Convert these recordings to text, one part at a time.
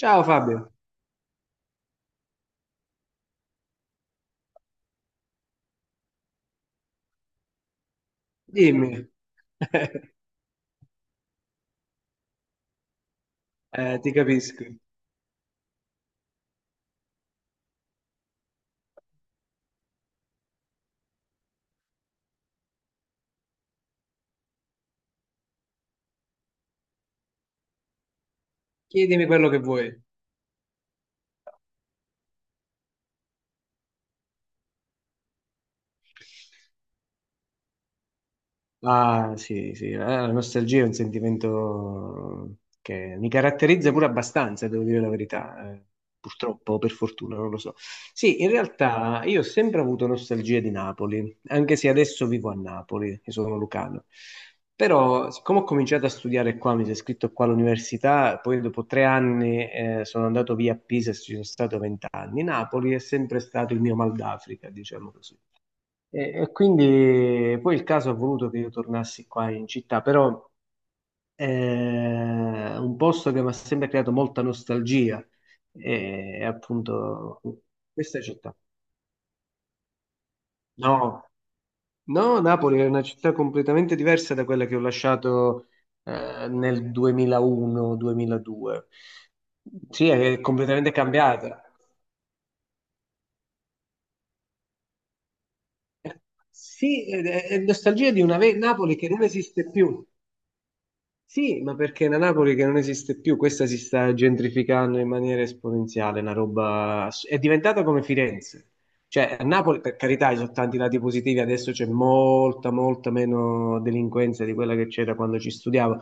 Ciao Fabio, dimmi. Ti capisco. Chiedimi quello che vuoi. Ah, sì, sì, la nostalgia è un sentimento che mi caratterizza pure abbastanza, devo dire la verità, purtroppo, o per fortuna, non lo so. Sì, in realtà io ho sempre avuto nostalgia di Napoli, anche se adesso vivo a Napoli, io sono lucano. Però, siccome ho cominciato a studiare qua, mi sono iscritto qua all'università, poi dopo tre anni sono andato via a Pisa e ci sono stato vent'anni. Napoli è sempre stato il mio mal d'Africa, diciamo così. E quindi poi il caso ha voluto che io tornassi qua in città, però è un posto che mi ha sempre creato molta nostalgia, è appunto questa città. No, no, Napoli è una città completamente diversa da quella che ho lasciato nel 2001-2002. Sì, è completamente cambiata. Sì, è nostalgia di una Napoli che non esiste più. Sì, ma perché è una Napoli che non esiste più, questa si sta gentrificando in maniera esponenziale, una roba, è diventata come Firenze. Cioè, a Napoli, per carità, ci sono tanti lati positivi, adesso c'è molta, molta meno delinquenza di quella che c'era quando ci studiavo,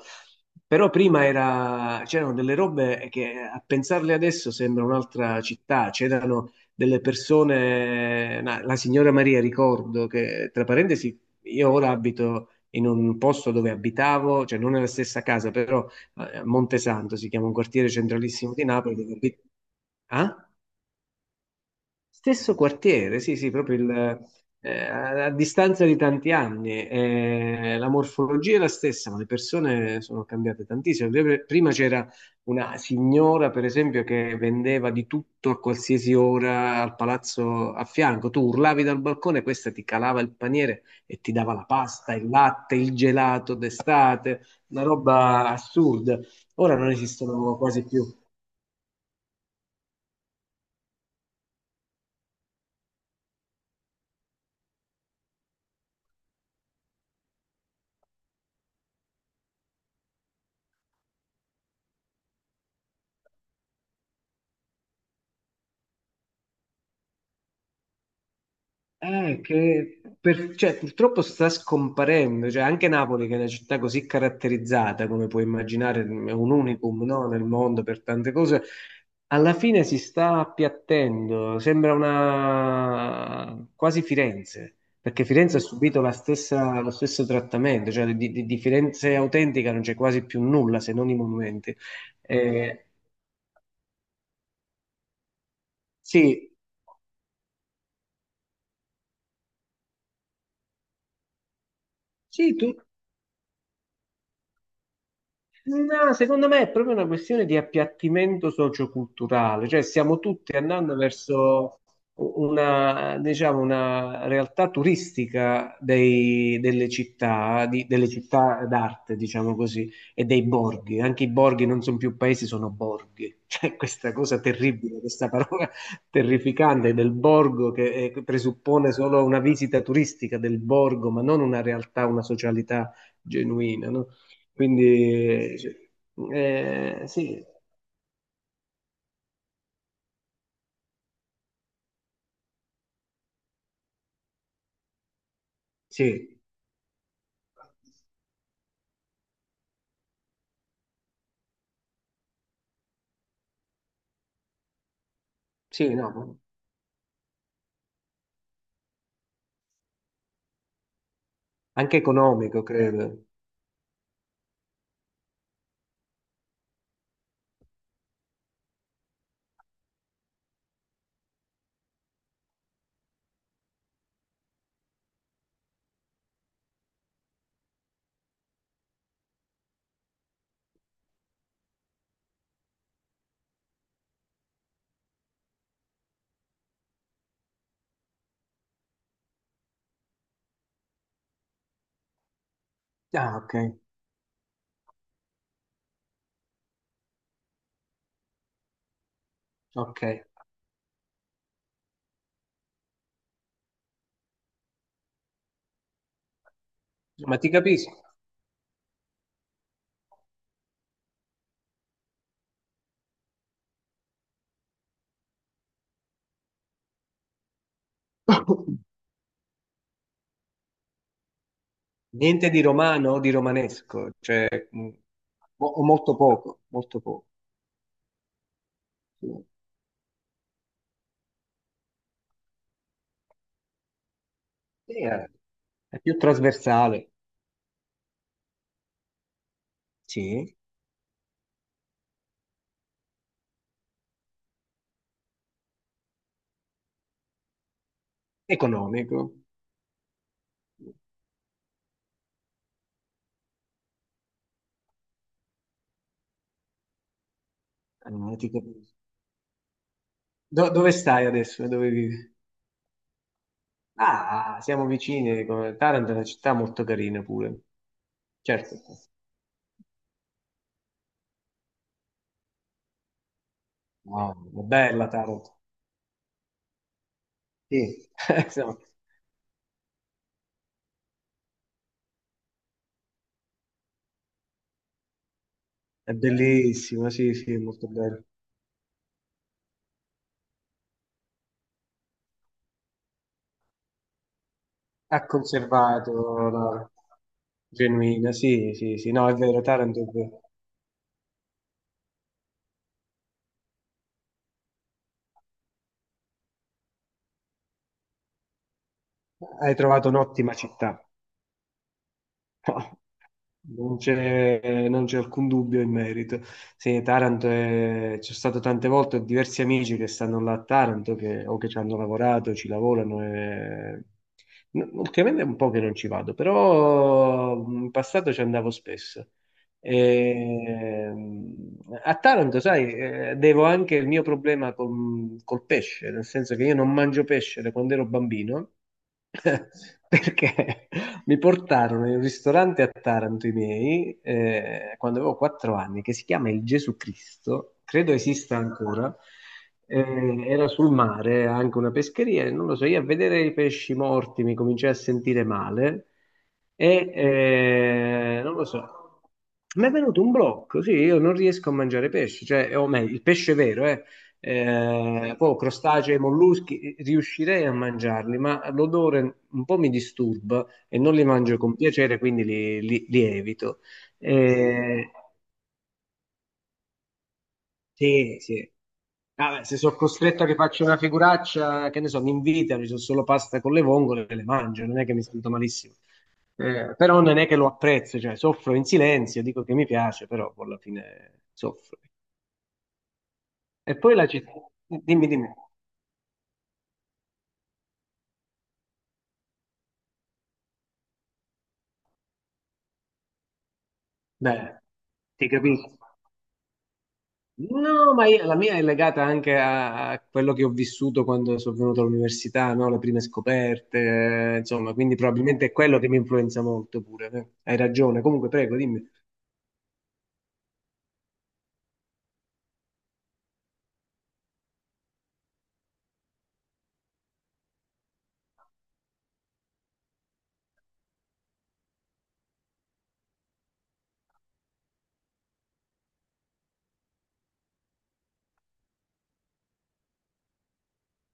però prima c'erano delle robe che a pensarle adesso sembra un'altra città, c'erano delle persone, la signora Maria ricordo che, tra parentesi, io ora abito in un posto dove abitavo, cioè non nella stessa casa, però a Montesanto si chiama un quartiere centralissimo di Napoli dove Ah? Stesso quartiere, sì, sì, proprio il, a distanza di tanti anni. La morfologia è la stessa, ma le persone sono cambiate tantissimo. Prima c'era una signora, per esempio, che vendeva di tutto a qualsiasi ora al palazzo a fianco. Tu urlavi dal balcone, questa ti calava il paniere e ti dava la pasta, il latte, il gelato d'estate, una roba assurda. Ora non esistono quasi più. Cioè, purtroppo sta scomparendo, cioè, anche Napoli, che è una città così caratterizzata, come puoi immaginare, è un unicum, no, nel mondo per tante cose, alla fine si sta appiattendo, sembra una quasi Firenze, perché Firenze ha subito la lo stesso trattamento, cioè di Firenze autentica non c'è quasi più nulla se non i monumenti. Eh, sì, sì, tu. No, secondo me è proprio una questione di appiattimento socioculturale, cioè stiamo tutti andando verso una, diciamo, una realtà turistica delle città, delle città d'arte, diciamo così, e dei borghi. Anche i borghi non sono più paesi, sono borghi. Cioè questa cosa terribile, questa parola terrificante del borgo che presuppone solo una visita turistica del borgo, ma non una realtà, una socialità genuina, no? Quindi sì. Sì, sì, sì, no, anche economico, credo. Ah, ok. Ok, ma ti capisco. Niente di romano o di romanesco, cioè, o molto poco, molto poco. Sì. Sì, è più trasversale, sì, economico. Ah, ti capisco. Dove stai adesso? Dove vivi? Ah, siamo vicini, Taranto è una città molto carina pure. Certo. Wow, è bella Taranto. Sì, insomma, è bellissima, sì, sì, molto bella. Ha conservato la genuina, sì, sì, sì, no, è vero, Taranto è vero. Hai trovato un'ottima città. Non c'è alcun dubbio in merito. Sì, c'è stato tante volte, ho diversi amici che stanno là a Taranto o che ci hanno lavorato, ci lavorano. Ultimamente è un po' che non ci vado, però in passato ci andavo spesso. Ehm, a Taranto, sai, devo anche il mio problema col pesce, nel senso che io non mangio pesce da quando ero bambino, perché mi portarono in un ristorante a Taranto i miei, quando avevo quattro anni, che si chiama il Gesù Cristo, credo esista ancora. Era sul mare anche una pescheria, e non lo so, io a vedere i pesci morti mi cominciai a sentire male e non lo so. Mi è venuto un blocco, sì, io non riesco a mangiare pesce, cioè, o meglio, il pesce vero, eh. Poi crostacei, molluschi, riuscirei a mangiarli, ma l'odore un po' mi disturba e non li mangio con piacere, quindi li evito. Eh, sì, sì. Ah, beh, se sono costretto a che faccio una figuraccia, che ne so, mi invitano, ci sono solo pasta con le vongole, e le mangio, non è che mi sento malissimo. Però non è che lo apprezzo, cioè soffro in silenzio, dico che mi piace, però poi alla fine soffro. E poi la città. Dimmi, dimmi. Beh, ti capisco. No, ma la mia è legata anche a quello che ho vissuto quando sono venuto all'università, no? Le prime scoperte, insomma, quindi probabilmente è quello che mi influenza molto pure. Hai ragione. Comunque, prego, dimmi.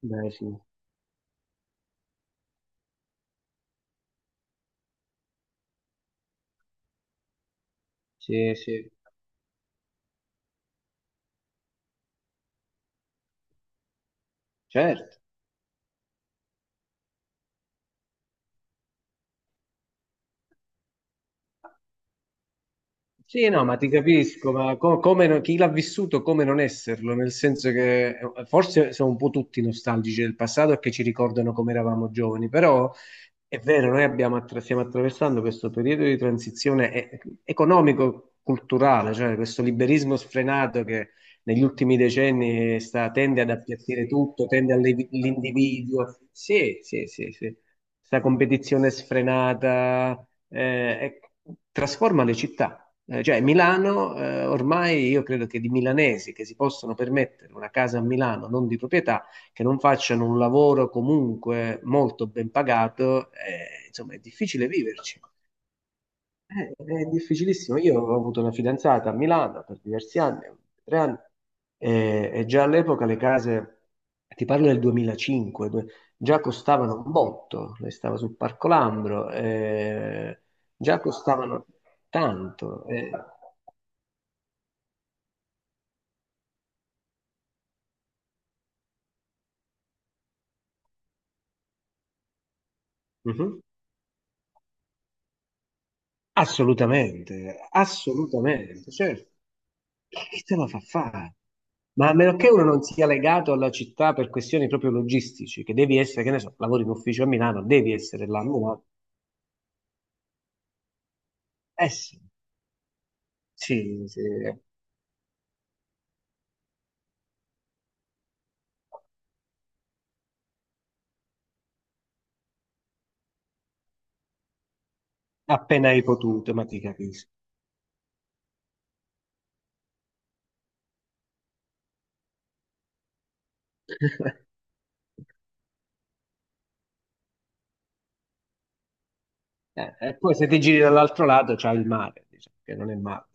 Beh, sì. Sì, sì. Certo. Sì, no, ma ti capisco, ma co- come non- chi l'ha vissuto, come non esserlo? Nel senso che forse sono un po' tutti nostalgici del passato e che ci ricordano come eravamo giovani, però è vero, noi abbiamo stiamo attraversando questo periodo di transizione economico-culturale, cioè questo liberismo sfrenato che negli ultimi decenni tende ad appiattire tutto, tende all'individuo. Sì, sì, sì, sì. Questa competizione sfrenata trasforma le città, cioè Milano, ormai io credo che di milanesi che si possono permettere una casa a Milano non di proprietà, che non facciano un lavoro comunque molto ben pagato, insomma è difficile viverci. È difficilissimo. Io ho avuto una fidanzata a Milano per diversi anni, tre anni, e, già all'epoca le case, ti parlo del 2005, già costavano un botto, lei stava sul Parco Lambro, già costavano tanto. Mhm. Assolutamente, assolutamente, certo. Chi te la fa fare? Ma a meno che uno non sia legato alla città per questioni proprio logistici, che devi essere, che ne so, lavori in ufficio a Milano, devi essere là a Milano. Eh sì, sì, sì, appena hai potuto, ma ti capisco. E poi se ti giri dall'altro lato c'è il mare, diciamo, che non è male.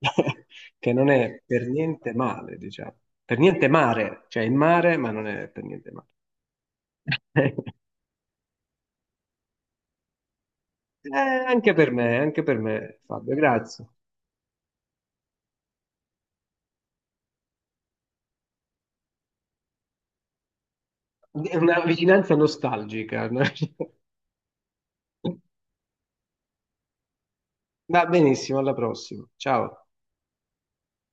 Che non è per niente male, diciamo. Per niente mare, cioè il mare, ma non è per niente male. Anche per me, anche per me, Fabio, grazie. È una vicinanza nostalgica. Va benissimo, alla prossima. Ciao.